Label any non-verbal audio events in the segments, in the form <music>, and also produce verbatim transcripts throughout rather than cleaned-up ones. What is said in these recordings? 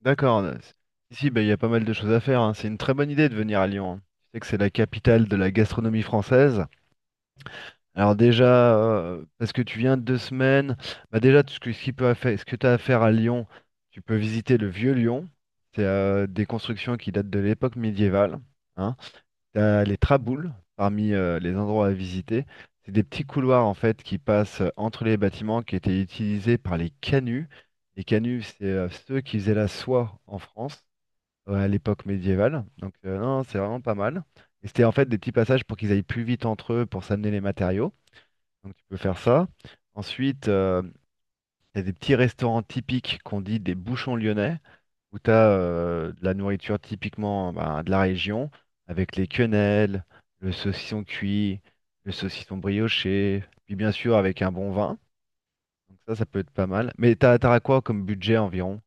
D'accord. euh, Ici, bah, il y a pas mal de choses à faire, hein. C'est une très bonne idée de venir à Lyon, hein. Tu sais que c'est la capitale de la gastronomie française. Alors déjà, euh, parce que tu viens de deux semaines, bah déjà, tu- ce que, ce qui peut à faire- ce que tu as à faire à Lyon, tu peux visiter le vieux Lyon. C'est euh, des constructions qui datent de l'époque médiévale. Hein. T'as les traboules parmi euh, les endroits à visiter. C'est des petits couloirs en fait qui passent euh, entre les bâtiments qui étaient utilisés par les canuts. Les canuts, c'est euh, ceux qui faisaient la soie en France, ouais, à l'époque médiévale. Donc euh, non, c'est vraiment pas mal. Et c'était en fait des petits passages pour qu'ils aillent plus vite entre eux pour s'amener les matériaux. Donc tu peux faire ça. Ensuite, euh, il y a des petits restaurants typiques qu'on dit des bouchons lyonnais, où tu as de la nourriture typiquement ben, de la région, avec les quenelles, le saucisson cuit, le saucisson brioché, puis bien sûr avec un bon vin. Donc ça, ça peut être pas mal. Mais t'as t'auras quoi comme budget environ?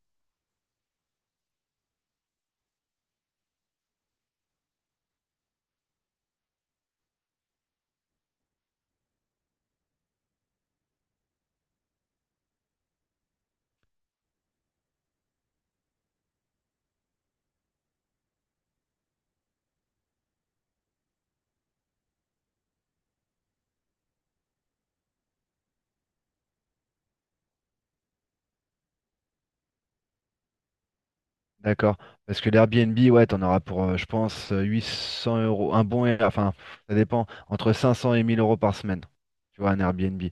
D'accord. Parce que l'Airbnb, ouais, t'en auras pour, euh, je pense, euh, huit cents euros. Un bon, Air- enfin, ça dépend, entre cinq cents et mille euros par semaine. Tu vois, un Airbnb.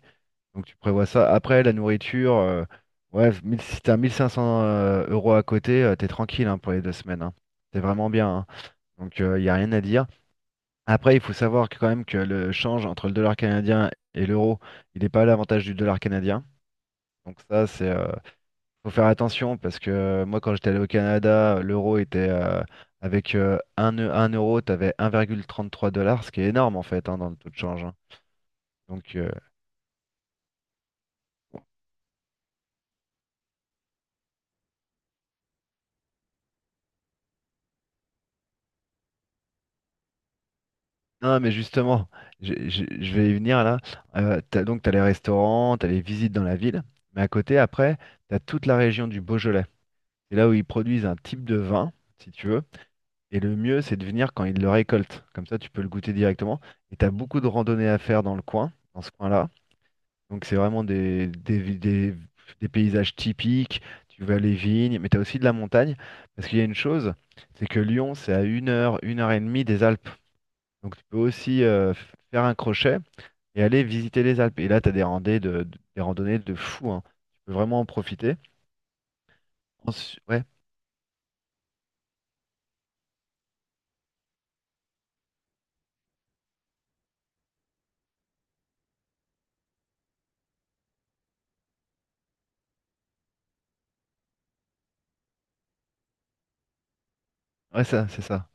Donc tu prévois ça. Après, la nourriture, euh, ouais, mille si t'as mille cinq cents euh, euros à côté, euh, t'es tranquille, hein, pour les deux semaines, hein. C'est vraiment bien, hein. Donc il n'y a rien à dire. Après, il faut savoir que, quand même, que le change entre le dollar canadien et l'euro, il n'est pas à l'avantage du dollar canadien. Donc ça, c'est euh, faut faire attention parce que euh, moi, quand j'étais allé au Canada, l'euro était euh, avec euh, un, eu- un euro, t'avais un virgule trente-trois dollars, ce qui est énorme en fait, hein, dans le taux de change, hein. Donc, euh, non, mais justement, je, je- je vais y venir là. Euh, t'as- donc, t'as les restaurants, t'as les visites dans la ville, mais à côté, après, t'as toute la région du Beaujolais. C'est là où ils produisent un type de vin, si tu veux. Et le mieux, c'est de venir quand il le récolte. Comme ça, tu peux le goûter directement. Et tu as beaucoup de randonnées à faire dans le coin, dans ce coin-là. Donc, c'est vraiment des, des, vi- des- des paysages typiques. Tu vois les vignes, mais tu as aussi de la montagne. Parce qu'il y a une chose, c'est que Lyon, c'est à une heure, une heure et demie des Alpes. Donc, tu peux aussi euh, f- faire un crochet et aller visiter les Alpes. Et là, tu as des randonnées de, de- des randonnées de fou, hein. Tu peux vraiment en profiter. Ensu- ouais, ouais, ça, c'est ça.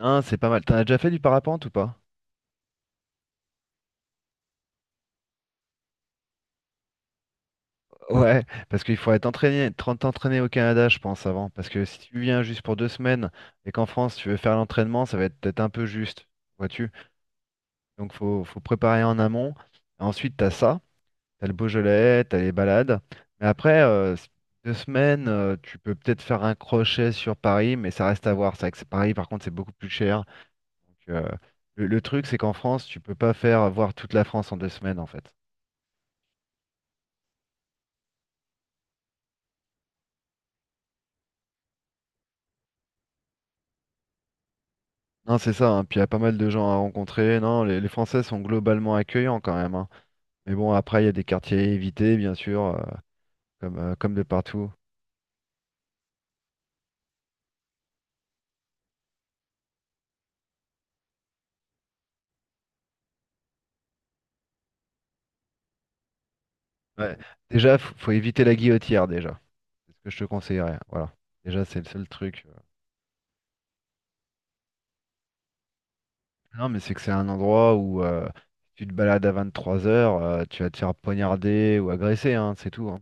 Hein, c'est pas mal. T'en as déjà fait du parapente ou pas? Ouais, parce qu'il faudrait t'entraîner, t'en- t'entraîner au Canada, je pense, avant. Parce que si tu viens juste pour deux semaines et qu'en France tu veux faire l'entraînement, ça va être peut-être un peu juste, vois-tu? Donc faut, faut préparer en amont. Ensuite, t'as ça, t'as le Beaujolais, t'as les balades. Mais après, euh, s- deux semaines, euh, tu peux peut-être faire un crochet sur Paris, mais ça reste à voir. C'est vrai que c'est- Paris, par contre, c'est beaucoup plus cher. Donc, euh, le, le truc, c'est qu'en France, tu peux pas faire voir toute la France en deux semaines, en fait. Non, c'est ça, hein. Puis il y a pas mal de gens à rencontrer. Non, les, les Français sont globalement accueillants quand même, hein. Mais bon, après, il y a des quartiers à éviter, bien sûr, euh, comme, euh, comme de partout. Ouais. Déjà, faut, faut éviter la Guillotière, déjà. C'est ce que je te conseillerais. Voilà. Déjà, c'est le seul truc. euh. Non, mais c'est que c'est un endroit où euh, si tu te balades à trois heures, euh, tu vas te faire poignarder ou agresser, hein, c'est tout, hein.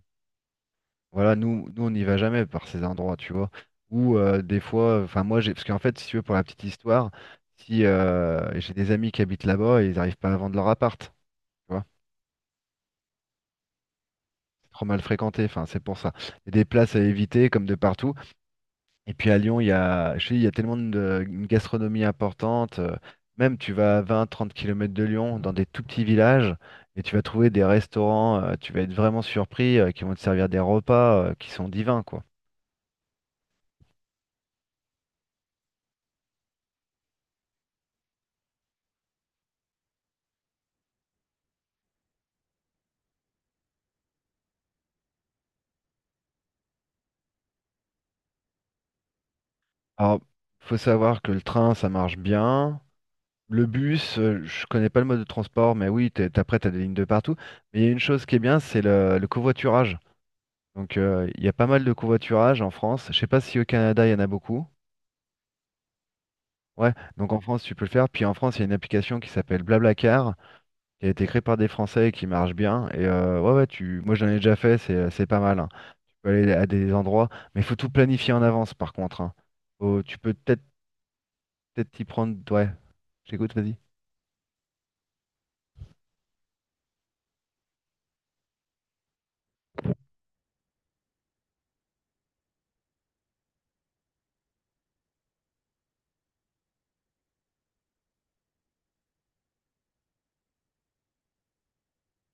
Voilà, nous, nous on n'y va jamais par ces endroits, tu vois. Ou euh, des fois, enfin moi j'ai, parce qu'en fait, si tu veux, pour la petite histoire, si euh, j'ai des amis qui habitent là-bas et ils n'arrivent pas à vendre leur appart, tu vois, c'est trop mal fréquenté, enfin c'est pour ça. Il y a des places à éviter comme de partout. Et puis à Lyon, il y a, je te dis, il y a tellement de une gastronomie importante. euh, Même tu vas à vingt à trente kilomètres km de Lyon, dans des tout petits villages, et tu vas trouver des restaurants, euh, tu vas être vraiment surpris, euh, qui vont te servir des repas euh, qui sont divins, quoi. Alors, faut savoir que le train, ça marche bien. Le bus, euh, je connais pas le mode de transport, mais oui, t'es- t'as après, t'as des lignes de partout. Mais il y a une chose qui est bien, c'est le, le covoiturage. Donc, euh, il y a pas mal de covoiturage en France. Je sais pas si au Canada, il y en a beaucoup. Ouais, donc en France, tu peux le faire. Puis en France, il y a une application qui s'appelle BlaBlaCar, qui a été créée par des Français et qui marche bien. Et euh, ouais, ouais, tu... moi, j'en ai déjà fait, c'est c'est pas mal, hein. Tu peux aller à des endroits, mais il faut tout planifier en avance, par contre, hein. Faut- tu peux peut-être peut-être t'y prendre. Ouais, j'écoute, vas-y.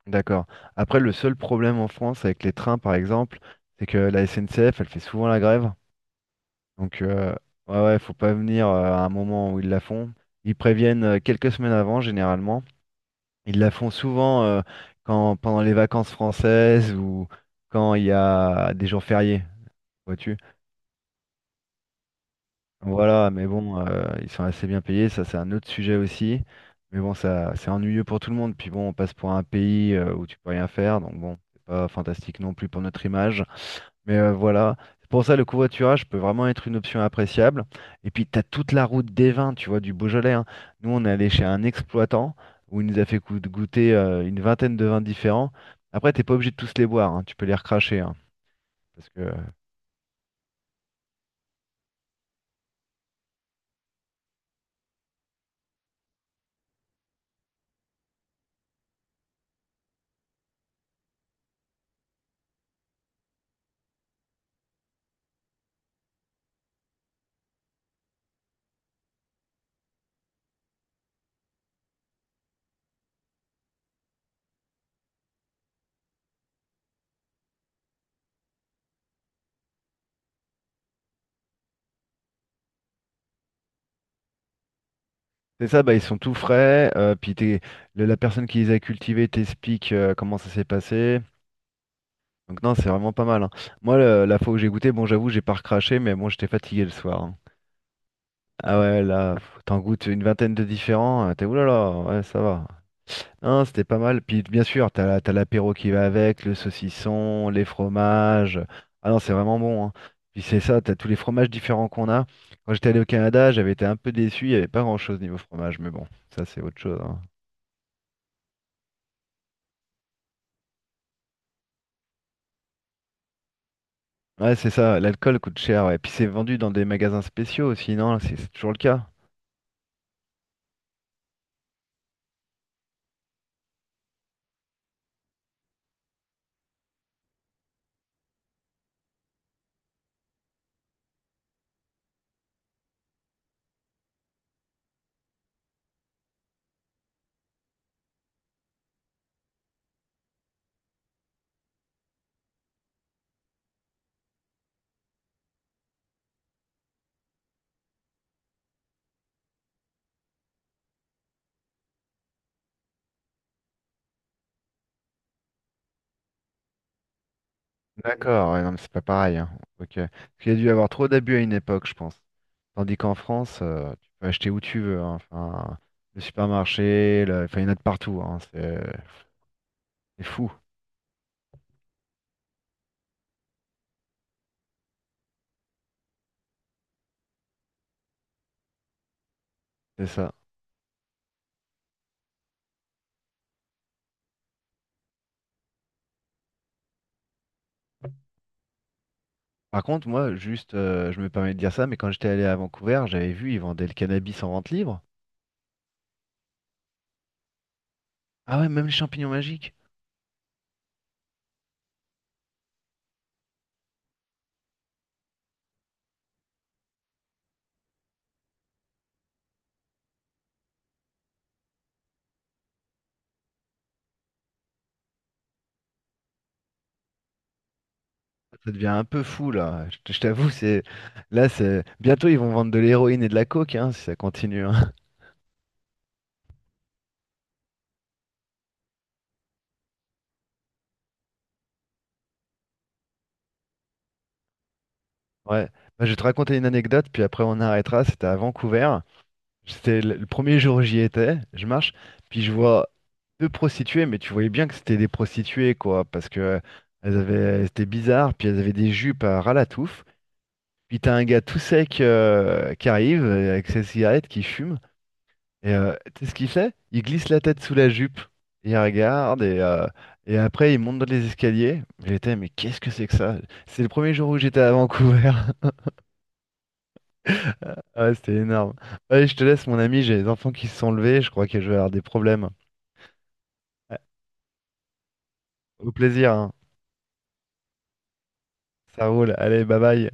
D'accord. Après, le seul problème en France avec les trains, par exemple, c'est que la S N C F, elle fait souvent la grève. Donc, euh, ouais, ouais, faut pas venir euh, à un moment où ils la font. Ils préviennent euh, quelques semaines avant, généralement. Ils la font souvent euh, quand, pendant les vacances françaises ou quand il y a des jours fériés, vois-tu. Voilà, mais bon, euh, ils sont assez bien payés. Ça, c'est un autre sujet aussi. Mais bon, ça, c'est ennuyeux pour tout le monde. Puis bon, on passe pour un pays euh, où tu peux rien faire. Donc bon, c'est pas fantastique non plus pour notre image. Mais euh, voilà, c'est pour ça le covoiturage peut vraiment être une option appréciable. Et puis tu as toute la route des vins, tu vois, du Beaujolais, hein. Nous, on est allé chez un exploitant où il nous a fait goût- goûter euh, une vingtaine de vins différents. Après, t'es pas obligé de tous les boire, hein, tu peux les recracher, hein, parce que euh, c'est ça, bah, ils sont tout frais. euh, Puis t'es- le- la personne qui les a cultivés t'explique euh, comment ça s'est passé. Donc non, c'est vraiment pas mal, hein. Moi, le- la fois où j'ai goûté, bon, j'avoue, j'ai pas recraché, mais bon, j'étais fatigué le soir, hein. Ah ouais, là, pff, t'en goûtes une vingtaine de différents, euh, t'es oulala, ouais, ça va. Non, c'était pas mal. Puis bien sûr, t'as la- t'as l'apéro qui va avec, le saucisson, les fromages. Ah non, c'est vraiment bon, hein. Puis c'est ça, t'as tous les fromages différents qu'on a. Quand j'étais allé au Canada, j'avais été un peu déçu, il n'y avait pas grand-chose niveau fromage, mais bon, ça c'est autre chose, hein. Ouais, c'est ça, l'alcool coûte cher, ouais. Puis c'est vendu dans des magasins spéciaux aussi, non? C'est c'est toujours le cas. D'accord, ouais, non, mais c'est pas pareil, hein. Ok. Parce qu'il y a dû y avoir trop d'abus à une époque, je pense. Tandis qu'en France, euh, tu peux acheter où tu veux, hein. Enfin, le supermarché, le- enfin, il y en a de partout, hein. C'est c'est fou, c'est ça. Par contre, moi, juste, euh, je me permets de dire ça, mais quand j'étais allé à Vancouver, j'avais vu, ils vendaient le cannabis en vente libre. Ah ouais, même les champignons magiques. Ça devient un peu fou, là. Je t- je t'avoue, c'est. Là, c'est. Bientôt, ils vont vendre de l'héroïne et de la coke, hein, si ça continue, hein. Ouais. Bah, je vais te raconter une anecdote, puis après, on arrêtera. C'était à Vancouver. C'était le le premier jour j'y étais, je marche, puis je vois deux prostituées, mais tu voyais bien que c'était des prostituées, quoi, parce que elles avaient, elles étaient bizarres, puis elles avaient des jupes à ras la touffe. Puis t'as un gars tout sec euh, qui arrive euh, avec sa cigarette, qui fume, et euh, tu sais ce qu'il fait? Il glisse la tête sous la jupe, il regarde, et, euh, et après il monte dans les escaliers. J'étais, mais qu'est-ce que c'est que ça? C'est le premier jour où j'étais à Vancouver. <laughs> Ah, ouais, c'était énorme. Allez, je te laisse, mon ami, j'ai les enfants qui se sont levés, je crois que je vais avoir des problèmes. Au plaisir, hein. Ça roule. Allez, bye bye.